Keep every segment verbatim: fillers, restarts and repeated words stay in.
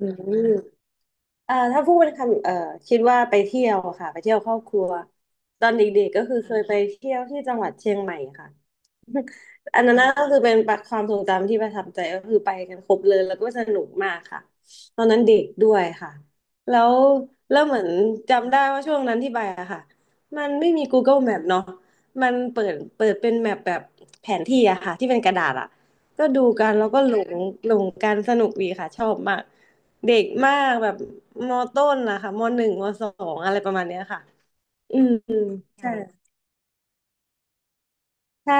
อืมเอ่อถ้าพูดเป็นคำเอ่อคิดว่าไปเที่ยวอะค่ะ ไปเที่ยวครอบครัว ตอนเด็กๆก็คือเคยไปเที่ยวที่จังหวัดเชียงใหม่ค่ะ อันนั้นก็คือเป็นความทรงจำที่ประทับใจก็คือไปกันครบเลยแล้วก็สนุกมากค่ะตอนนั้นเด็กด้วยค่ะแล้วแล้วเหมือนจำได้ว่าช่วงนั้นที่ไปอะค่ะมันไม่มี Google Map เนาะมันเปิดเปิดเป็นแมปแบบแผนที่อะค่ะที่เป็นกระดาษอะก็ดูกันแล้วก็หลงหลงกันสนุกดีค่ะชอบมากเด็กมากแบบมต้นนะคะมหนึ่งมสองอะไรประมาณเนี้ยค่ะอืมใช่ใช่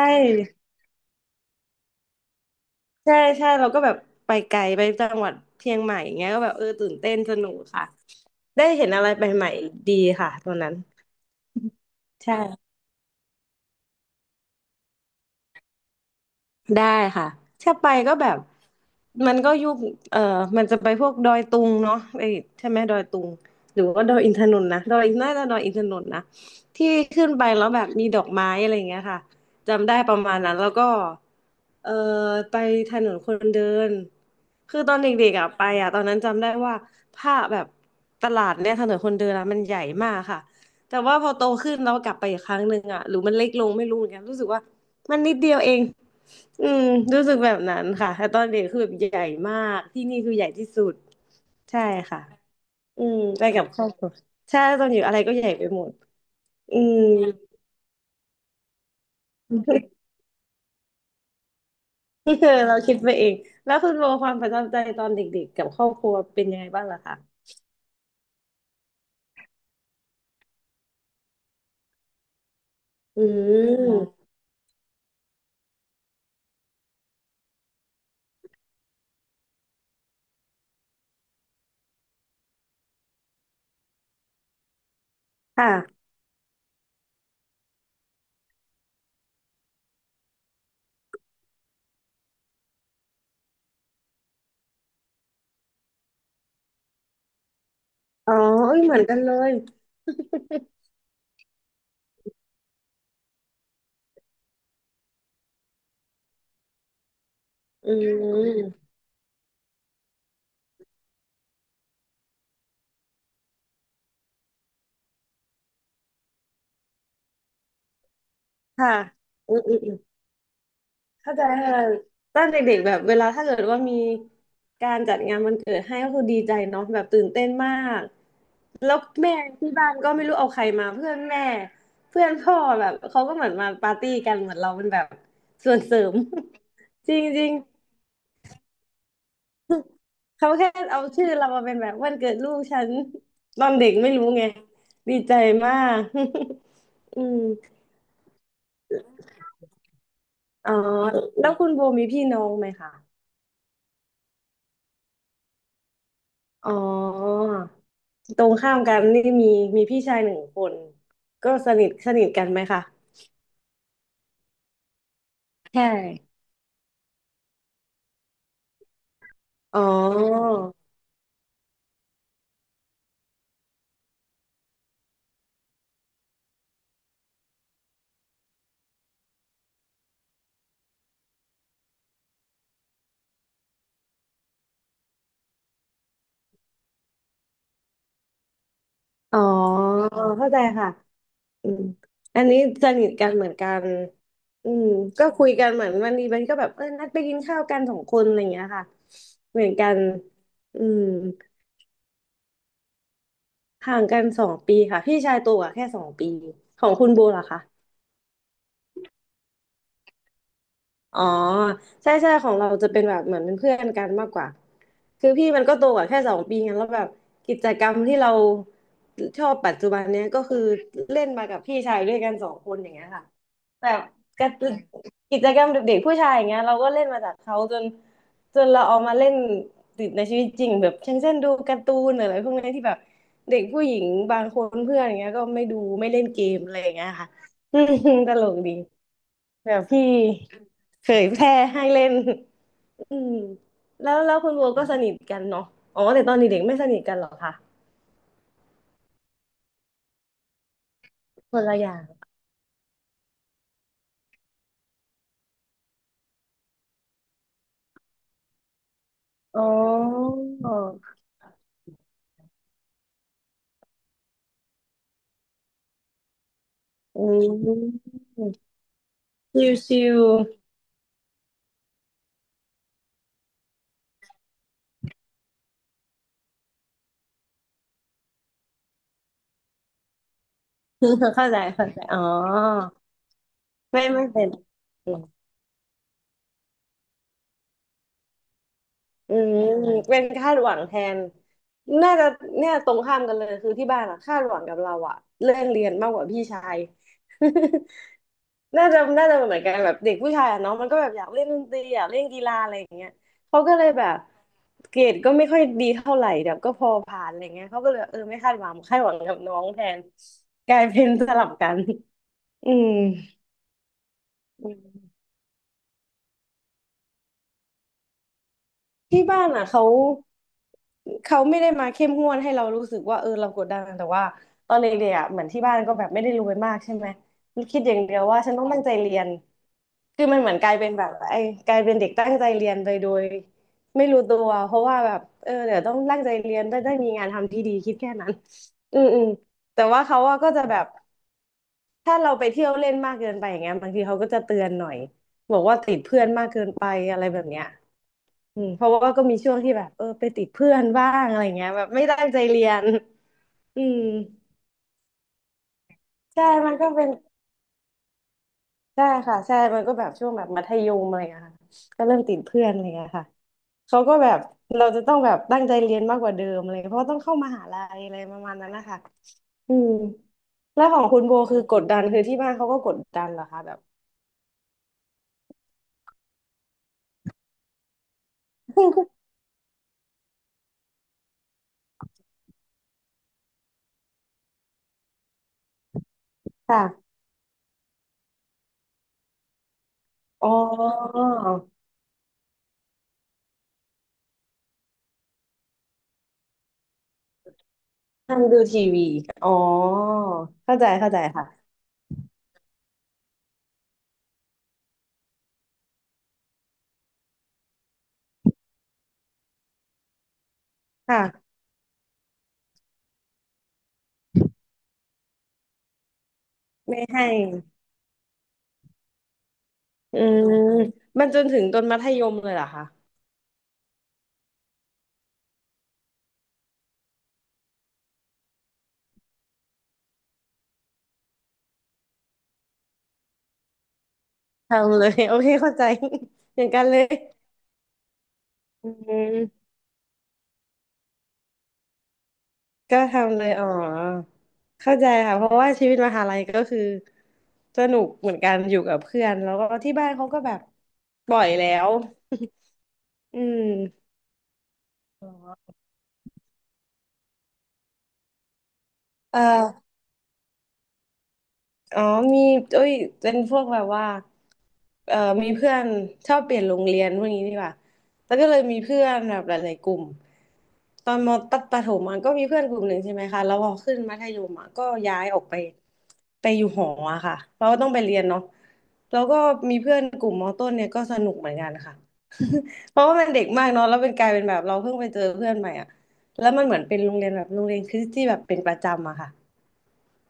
ใช่ใช่เราก็แบบไปไกลไปจังหวัดเชียงใหม่อย่างเงี้ยก็แบบเออตื่นเต้นสนุกค่ะได้เห็นอะไรใหม่ๆดีค่ะตอนนั้นใช่ ได้ค่ะถ้าไปก็แบบมันก็ยุคเอ่อมันจะไปพวกดอยตุงเนาะไอ้ใช่ไหมดอยตุงหรือว่าดอยอินทนนท์นะดอยน่าจะดอยอินทนนท์นะที่ขึ้นไปแล้วแบบมีดอกไม้อะไรอย่างเงี้ยค่ะจำได้ประมาณนั้นแล้วก็เอ่อไปถนนคนเดินคือตอนเด็กๆอ่ะไปอ่ะตอนนั้นจำได้ว่าผ้าแบบตลาดเนี่ยถนนคนเดินอ่ะมันใหญ่มากค่ะแต่ว่าพอโตขึ้นเรากลับไปอีกครั้งหนึ่งอ่ะหรือมันเล็กลงไม่รู้เหมือนกันรู้สึกว่า มันนิดเดียวเองอืมรู้สึกแบบนั้นค่ะแต่ตอนเด็กคือแบบใหญ่มากที่นี่คือใหญ่ที่สุด ใช่ค่ะอืมไปกับครอบครัวใช่ตอนอยู่อะไรก็ใหญ่ไปหมดอืม เราคิดไปเองแล้วคุณโบความประทับใจตอนเด็กๆกับครอบครัวเป็นยังไงบ้างล่ะคะอืมค่ะอ๋อเอ้ยเหมือนกันเลยอืมค่ะ อืมอืม เข้าใจค่ะตอนเด็กๆแบบเวลาถ้าเกิดว่ามีการจัดงานวันเกิดให้ก็คือดีใจเนาะแบบตื่นเต้นมากแล้วแม่ที่บ้านก็ไม่รู้เอาใครมาเพื่อนแม่เพื่อนพ่อแบบเขาก็เหมือนมาปาร์ตี้กันเหมือนเราเป็นแบบส่วนเสริม จริงๆเขาแค่เอาชื่อเรามาเป็นแบบวันเกิดลูกฉัน ตอนเด็กไม่รู้ไงดีใจมาก อืมอ๋อแล้วคุณโบมีพี่น้องไหมคะ อ๋อตรงข้ามกันนี่มีมีพี่ชายหนึ่งคนก็สนิทสนิทกันไหมคะใช่อ๋ออ๋อเข้าใจค่ะอืมอันนี้สนิทกันเหมือนกันอืมก็คุยกันเหมือนวันนี้มันก็แบบเออนัดไปกินข้าวกันสองคนอะไรอย่างเงี้ยค่ะเหมือนกันอืมห่างกันสองปีค่ะพี่ชายโตัวกว่าแค่สองปีของคุณโบล่ะคะ อ๋อใช่ใช่ของเราจะเป็นแบบเหมือนเป็นเพื่อนกันมากกว่าคือพี่มันก็โตกว่าแค่สองปีไงแล้วแบบกิจกรรมที่เราชอบปัจจุบันเนี้ยก็คือเล่นมากับพี่ชายด้วยกันสองคนอย่างเงี้ยค่ะแบบกจกิจกรรมเด็กๆผู้ชายอย่างเงี้ยเราก็เล่นมาจากเขาจนจนเราเอามาเล่นติดในชีวิตจริงแบบเช่นเช่นดูการ์ตูนหรืออะไรพวกนี้ที่แบบเด็กผู้หญิงบางคนเพื่อนอย่างเงี้ยก็ไม่ดูไม่เล่นเกมอะไรอย่างเงี้ยค่ะ อืมตลกดีแบบพี่ เผยแพร่ให้เล่นอืมแล้วแล้วคุณบัวก็สนิทกันเนาะอ๋อ แต่ตอนเด็กๆไม่สนิทกันเหรอคะคนละอย่าง อ๋ออืมชิวๆ เข้าใจเข้าใจอ๋อ ไม่ไม่เป็น อืมเป็นคาดหวังแทนน่าจะเนี่ยตรงข้ามกันเลยคือที่บ้านอะคาดหวังกับเราอะเรื่องเรียนมากกว่าพี่ชาย น่าจะน่าจะเหมือนกันแบบเด็กผู้ชายอะเนาะมันก็แบบอยากเล่นดนตรีอยากเล่นกีฬาอะไรอย่างเงี้ยเขาก็เลยแบบเกรดก็ไม่ค่อยดีเท่าไหร่แบบก็พอผ่านอะไรเงี้ยเขาก็เลยเออไม่คาดหวังคาดหวังกับน้องแทนกลายเป็นสลับกันอืม ที่บ้านอ่ะเขาเขาไม่ได้มาเข้มงวดให้เรารู้สึกว่าเออเรากดดันแต่ว่าตอนเด็กๆอ่ะเหมือนที่บ้านก็แบบไม่ได้รวยมากใช่ไหมคิดอย่างเดียวว่าฉันต้องตั้งใจเรียนคือมันเหมือนกลายเป็นแบบไอ้กลายเป็นเด็กตั้งใจเรียนไปโดยไม่รู้ตัวเพราะว่าแบบเออเดี๋ยวต้องตั้งใจเรียนได้ได้มีงานทำที่ดีคิดแค่นั้นอืมอืมแต่ว่าเขาอะก็จะแบบ ถ้าเราไปเที่ยวเล่นมากเกินไปอย่างเงี้ยบางทีเขาก็จะเตือนหน่อยบอกว่าติดเพื่อนมากเกินไปอะไรแบบเนี้ยอืมเพราะว่าก็มีช่วงที่แบบเออไปติดเพื่อนบ้างอะไรเงี้ยแบบไม่ตั้งใจเรียนอืมใช่มันก็เป็นใช่ค่ะใช่มันก็แบบช่วงแบบมัธยมอะไรเงี้ยค่ะก็เริ่มติดเพื่อนอะไรเงี้ยค่ะเขาก็แบบเราจะต้องแบบตั้งใจเรียนมากกว่าเดิมอะไรเงี้ยเพราะว่าต้องเข้ามหาลัยอะไรประมาณนั้นนะคะอืมแล้วของคุณโบคือกดดันคือที่บ้านเขาก็กดดันเหรอคะแบบ ค่ะ อ๋อนั่งดูทีวีอ๋อเข้าใจเข้าใจค่ะค่ะไม่ให้อืมมันจนถึงตอนมัธยมเลยเหรอคะทำเลย โอเคเข้าใจ อย่างกันเลยอืมก็ทำเลยอ๋อเข้าใจค่ะเพราะว่าชีวิตมหาลัยก็คือสนุกเหมือนกันอยู่กับเพื่อนแล้วก็ที่บ้านเขาก็แบบปล่อยแล้วอืมเออ อ๋อมีเอ้ยเป็นพวกแบบว่าเอ่อมีเพื่อนชอบเปลี่ยนโรงเรียนพวกนี้ดีกว่าแล้วก็เลยมีเพื่อนแบบหลายๆกลุ่มตอนมปประถมอ่ะก็มีเพื่อนกลุ่มหนึ่งใช่ไหมคะแล้วพอขึ้นมัธยมอ่ะก็ย้ายออกไปไปอยู่หออะค่ะเพราะว่าต้องไปเรียนเนาะแล้วก็มีเพื่อนกลุ่มมต้นเนี่ยก็สนุกเหมือนกันค่ะ เพราะว่ามันเด็กมากเนาะแล้วเป็นกลายเป็นแบบเราเพิ่งไปเจอเพื่อนใหม่อ่ะแล้วมันเหมือนเป็นโรงเรียนแบบโรงเรียนคริสต์ที่แบบเป็นประจำอะค่ะ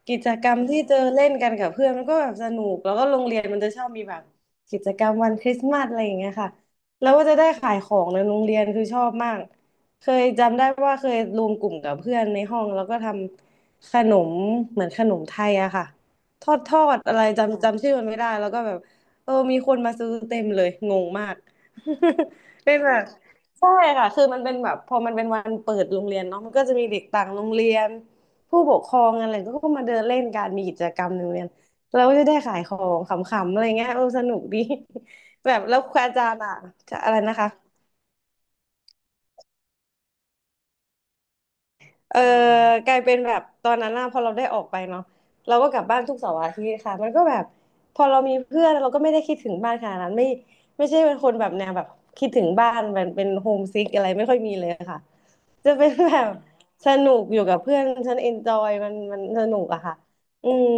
กิจกรรมที่เจอเล่นกันกับเพื่อนมันก็แบบสนุกแล้วก็โรงเรียนมันจะชอบมีแบบกิจกรรมวันคริสต์มาสอะไรอย่างเงี้ยค่ะแล้วก็จะได้ขายของในโรงเรียนคือชอบมากเคยจำได้ว่าเคยรวมกลุ่มกับเพื่อนในห้องแล้วก็ทำขนมเหมือนขนมไทยอะค่ะทอดทอดอะไรจำจำชื่อมันไม่ได้แล้วก็แบบเออมีคนมาซื้อเต็มเลยงงมาก เป็นแบบใช่ค่ะคือมันเป็นแบบพอมันเป็นวันเปิดโรงเรียนเนาะมันก็จะมีเด็กต่างโรงเรียน ผู้ปกครองอะไรก็มาเดินเล่นกันมีกิจกรรมในโรงเรียนเราก็จะได้ขายของขำๆอะไรเงี้ยเออสนุกดี แบบแล้วครูอาจารย์อ่ะจะอะไรนะคะเออกลายเป็นแบบตอนนั้นน่ะพอเราได้ออกไปเนาะเราก็กลับบ้านทุกเสาร์อาทิตย์ค่ะมันก็แบบพอเรามีเพื่อนเราก็ไม่ได้คิดถึงบ้านขนาดนั้นไม่ไม่ใช่เป็นคนแบบแนวแบบคิดถึงบ้านเป็นเป็นโฮมซิกอะไรไม่ค่อยมีเลยค่ะจะเป็นแบบสนุกอยู่กับเพื่อนฉันเอนจอยมันมันสนุกอะค่ะอืม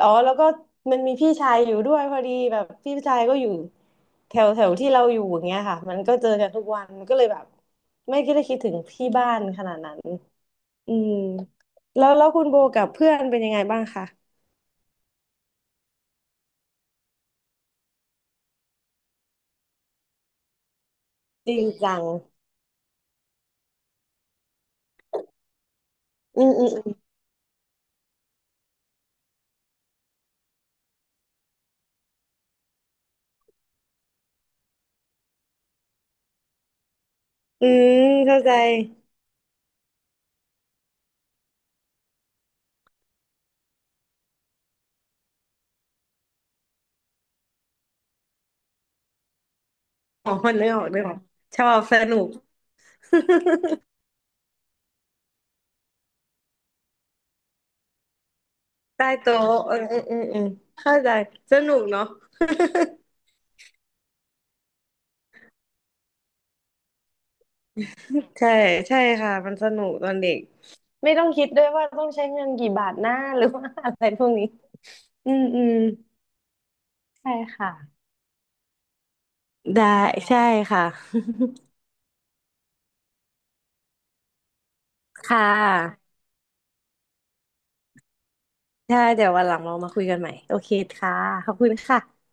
อ๋อแล้วก็มันมีพี่ชายอยู่ด้วยพอดีแบบพี่ชายก็อยู่แถวแถวที่เราอยู่อย่างเงี้ยค่ะมันก็เจอกันทุกวันมันก็เลยแบบไม่คิดได้คิดถึงที่บ้านขนาดนั้นอืมแล้วแล้วคุณโบกับเพื่อนเป็นยังไงบ้างคะจริงจังอืมอืมอืมอืมเข้าใจอ๋อนึกออกนึกออกชอบสนุก ใต้โต๊ะเอออืมอืมอืมเข้าใจสนุกเนาะ ใช่ใช่ค่ะมันสนุกตอนเด็กไม่ต้องคิดด้วยว่าต้องใช้เงินกี่บาทหน้าหรือว่าอะไรพวกนี้อืมอืมใช่ค่ะได้ใช่ค่ะ ค่ะใช่เดี๋ยววันหลังเรามาคุยกันใหม่โอเคค่ะขอบคุณค่ะ